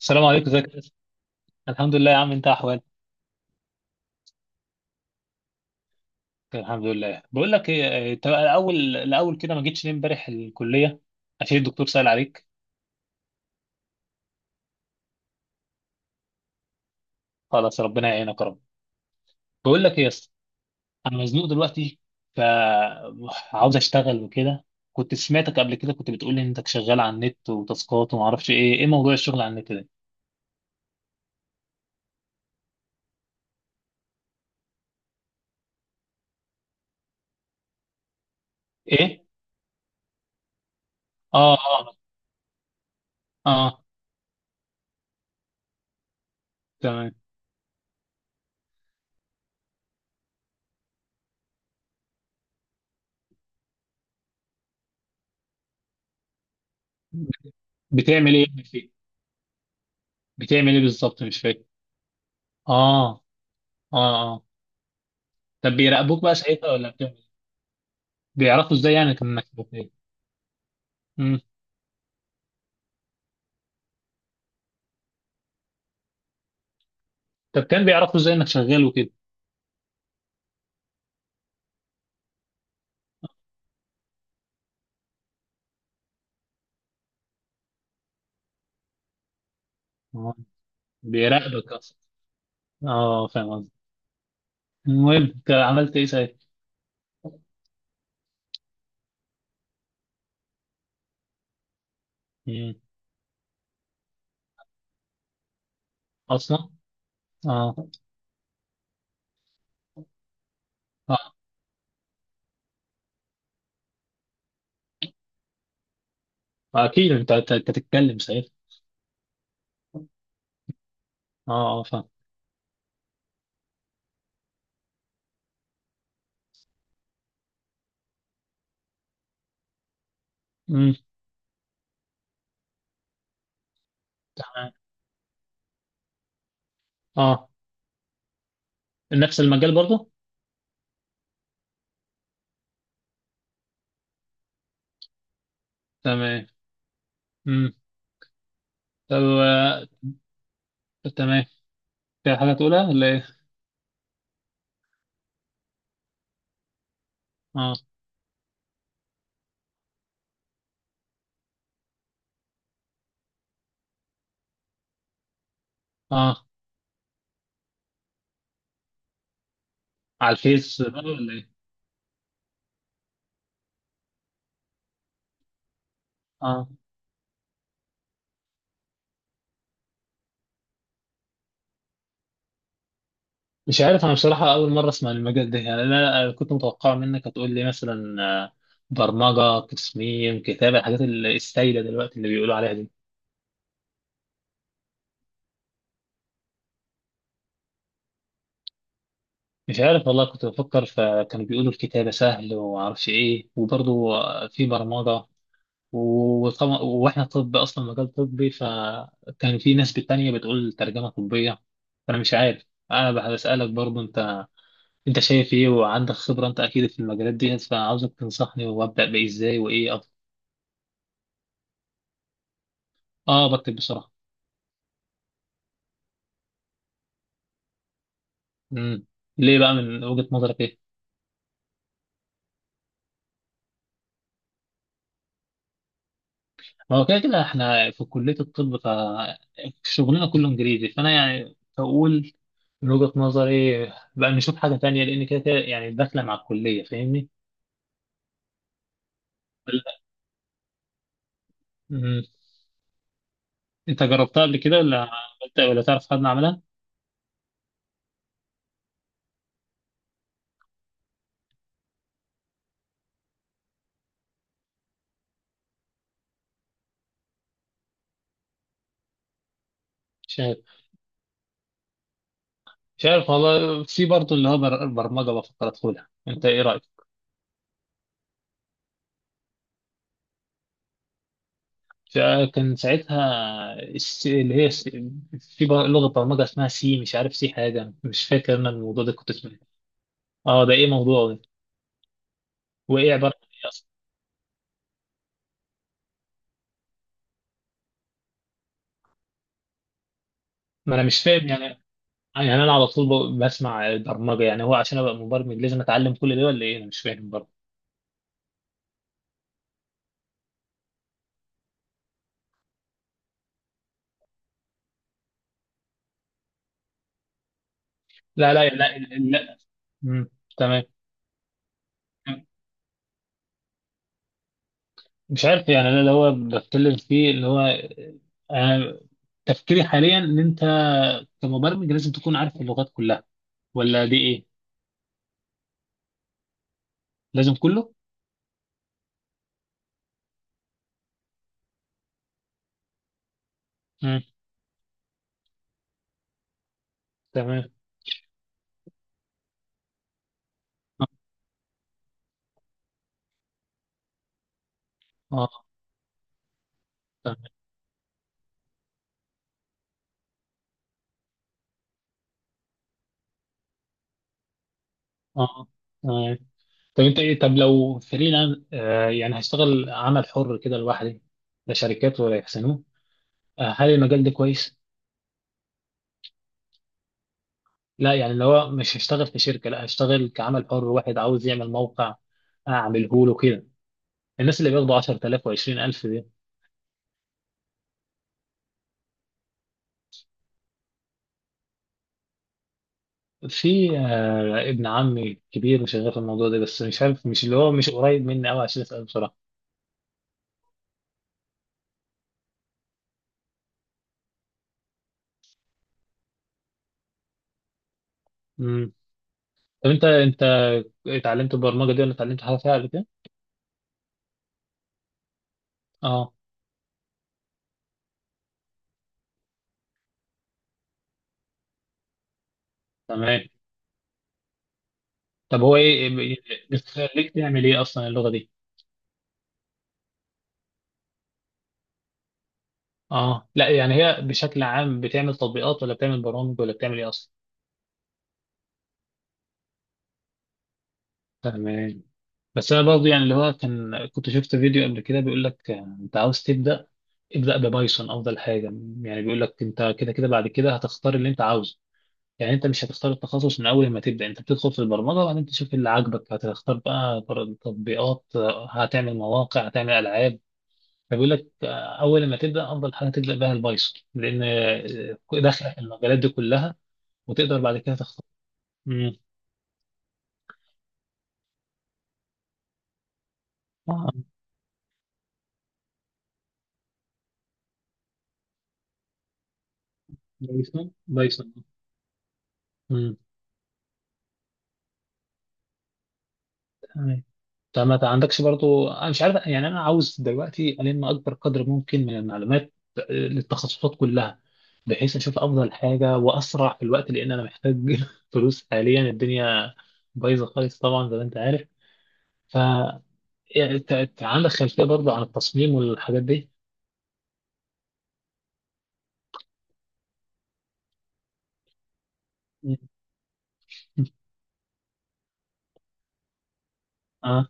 السلام عليكم، ازيك يا أسطى؟ الحمد لله يا عم، انت احوالك؟ الحمد لله. بقول لك ايه. اه، انت الاول الاول كده ما جيتش ليه امبارح الكليه؟ عشان الدكتور سأل عليك. خلاص، ربنا يعينك يا رب. بقول لك ايه يا اسطى، انا مزنوق دلوقتي، فعاوز اشتغل وكده. كنت سمعتك قبل كده كنت بتقول لي انك شغال على النت وتاسكات وما اعرفش ايه، ايه موضوع الشغل على النت ده؟ ايه؟ اه، اه. اه، اه، تمام. بتعمل ايه فيه؟ بتعمل ايه بالظبط؟ مش فاكر. اه. اه، اه. طب بيراقبوك بقى ساعتها ولا بتعمل؟ بيعرفوا ازاي يعني انك شغال؟ مم. طب كان بيعرفوا ازاي انك شغال وكده؟ آه، بيراقبك اصلا. اه، فاهم قصدي. المهم انت عملت ايه ساعتها؟ مم. اصلا. اه، اه. اكيد أنت تتكلم ساعتها. اه، اه، فاهم. مم. تمام. اه. نفس المجال برضه؟ تمام. مم. طب تمام. في حاجه تقولها ولا ايه؟ اه. اه. على الفيس بقى ولا ايه؟ اه. مش عارف انا بصراحة، اول مرة اسمع عن المجال ده. يعني انا كنت متوقع منك هتقول لي مثلا برمجة، تصميم، كتابة، الحاجات السايدة دلوقتي اللي بيقولوا عليها دي. مش عارف والله، كنت بفكر، فكانوا بيقولوا الكتابة سهل ومعرفش ايه، وبرضه في برمجة. وطبعا واحنا طب اصلا، مجال طبي، فكان في ناس تانية بتقول ترجمة طبية. فانا مش عارف، انا بسألك برضه انت. انت شايف ايه؟ وعندك خبرة انت اكيد في المجالات دي، فعاوزك تنصحني، وابدأ بايه؟ ازاي؟ وايه؟ اه، بكتب بسرعه. امم. ليه بقى من وجهه نظرك ايه؟ ما هو كده كده احنا في كليه الطب، ف شغلنا كله انجليزي. فانا يعني بقول من وجهه نظري بقى نشوف حاجه تانية، لان كده كده يعني داخله مع الكليه، فاهمني؟ ولا- امم. انت جربتها قبل كده؟ ولا عملت؟ ولا تعرف حد عملها؟ مش عارف. مش عارف والله. في برضه اللي هو برمجه، بفكر ادخلها. انت ايه رايك؟ كان ساعتها اللي هي في لغة برمجة اسمها سي، مش عارف سي حاجة، مش فاكر أنا الموضوع ده كنت اسمه إيه. اه، ده إيه موضوع ده؟ وإيه عبارة عن إيه أصلا؟ ما أنا مش فاهم يعني. يعني أنا على طول بسمع برمجة، يعني هو عشان أبقى مبرمج لازم أتعلم كل ده ولا إيه؟ أنا مش فاهم برضه. لا، لا، لا، لا. مم. تمام. مش عارف يعني، أنا اللي هو بتكلم فيه اللي هو، أنا تفكيري حاليا إن أنت كمبرمج لازم تكون عارف اللغات كلها، ولا دي إيه؟ لازم كله؟ مم. تمام. اه. تمام. اه. تمام. طب انت ايه؟ طب لو فريلانس، يعني هشتغل عمل حر كده لوحدي، لا شركات ولا يحسنوه، هل المجال ده كويس؟ لا يعني اللي هو مش هشتغل في شركة، لا هشتغل كعمل حر. واحد عاوز يعمل موقع، اعمله له كده. الناس اللي بياخدوا 10000 و20000 دي. في ابن عمي كبير شغال في الموضوع ده، بس مش عارف، مش اللي هو مش قريب مني قوي عشان اسأله بصراحة. امم. طب انت، اتعلمت البرمجة دي؟ ولا اتعلمت حاجة فيها قبل كده؟ اه. تمام. طب هو ايه، بتخليك تعمل ايه اصلا اللغه دي؟ اه، لا يعني هي بشكل عام بتعمل تطبيقات ولا بتعمل برامج ولا بتعمل ايه اصلا؟ تمام. بس انا برضه يعني اللي هو، كان كنت شفت فيديو قبل كده بيقول لك انت عاوز تبدا، ابدا ببايثون افضل حاجه. يعني بيقول لك، انت كده كده بعد كده هتختار اللي انت عاوزه. يعني انت مش هتختار التخصص من اول ما تبدا، انت بتدخل في البرمجه وبعدين تشوف اللي عاجبك، هتختار بقى تطبيقات، هتعمل مواقع، هتعمل العاب. فبيقول لك اول ما تبدا افضل حاجه تبدا بها البايثون، لان داخله في المجالات دي كلها. وتقدر بعد كده تختار. امم. اه. بايثون، بايثون. امم. تمام. طب ما عندكش برضو، انا مش عارف يعني، انا عاوز دلوقتي الم اكبر قدر ممكن من المعلومات للتخصصات كلها، بحيث اشوف افضل حاجه واسرع في الوقت، لان انا محتاج فلوس حاليا. الدنيا بايظه خالص طبعا زي ما انت عارف. ف يعني انت، عندك خلفيه برضو عن التصميم والحاجات دي؟ اه.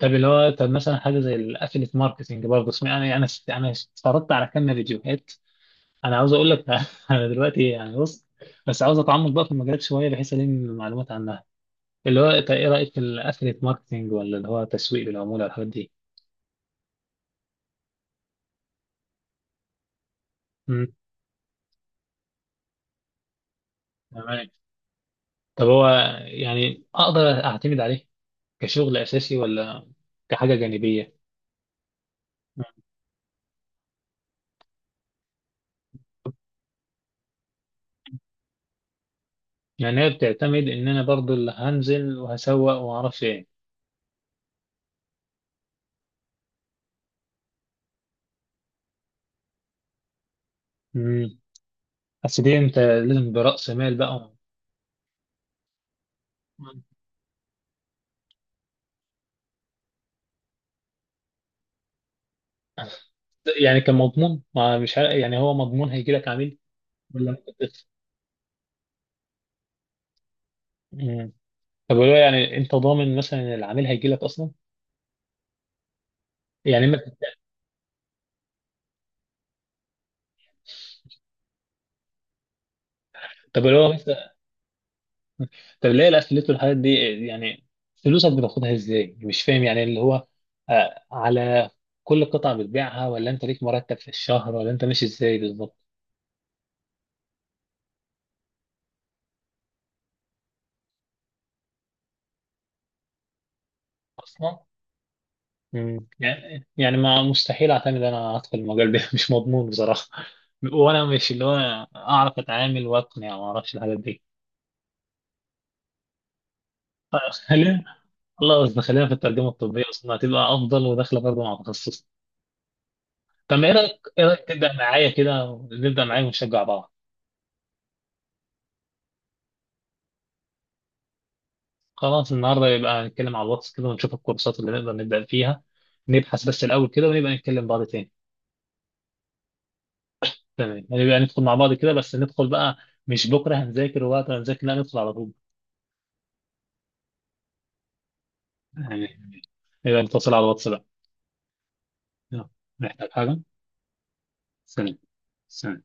طب اللي هو، طب مثلا حاجه زي الافيليت ماركتنج برضه، اسمع انا اتفرجت على كم فيديوهات. انا عاوز اقول لك انا دلوقتي يعني بص، بس عاوز اتعمق بقى في المجالات شويه بحيث الم معلومات عنها. اللي هو انت ايه رايك في الافيليت ماركتنج ولا اللي هو تسويق بالعموله والحاجات دي؟ امم. تمام. طب هو، يعني اقدر اعتمد عليه كشغل اساسي ولا كحاجه جانبيه؟ مم. يعني هي بتعتمد ان انا برضه اللي هنزل وهسوق وما اعرفش ايه. امم. بس دي انت لازم برأس مال بقى. يعني كان مضمون؟ ما مش عارف يعني، هو مضمون هيجي لك عميل ولا أنت بتخسر؟ مم. طب لو يعني انت ضامن مثلا ان العميل هيجي لك اصلا؟ يعني ما. طب لو مثلا، طب ليه الافليت والحاجات دي يعني فلوسك بتاخدها ازاي؟ مش فاهم يعني، اللي هو على كل قطعة بتبيعها؟ ولا انت ليك مرتب في الشهر؟ ولا انت ماشي ازاي بالظبط؟ اصلا. مم. يعني ما مستحيل اعتمد انا ادخل المجال ده مش مضمون بصراحة. وانا مش اللي هو اعرف اتعامل واقنع وما اعرفش الحاجات دي. خلينا، الله، بس خلينا في الترجمة الطبية أصلا هتبقى أفضل وداخلة برضه مع تخصص. طب إيه رأيك تبدأ معايا كده؟ نبدأ معايا ونشجع بعض. خلاص النهاردة يبقى نتكلم على الواتس كده، ونشوف الكورسات اللي نقدر نبدأ فيها. نبحث بس الأول كده، ونبقى نتكلم بعض تاني. تمام. يعني نبقى ندخل مع بعض كده، بس ندخل بقى. مش بكرة هنذاكر، وقت هنذاكر، لا، ندخل على طول. يعني نبقى نتصل على الواتس بقى. يلا، محتاج حاجة؟ سلام. سلام.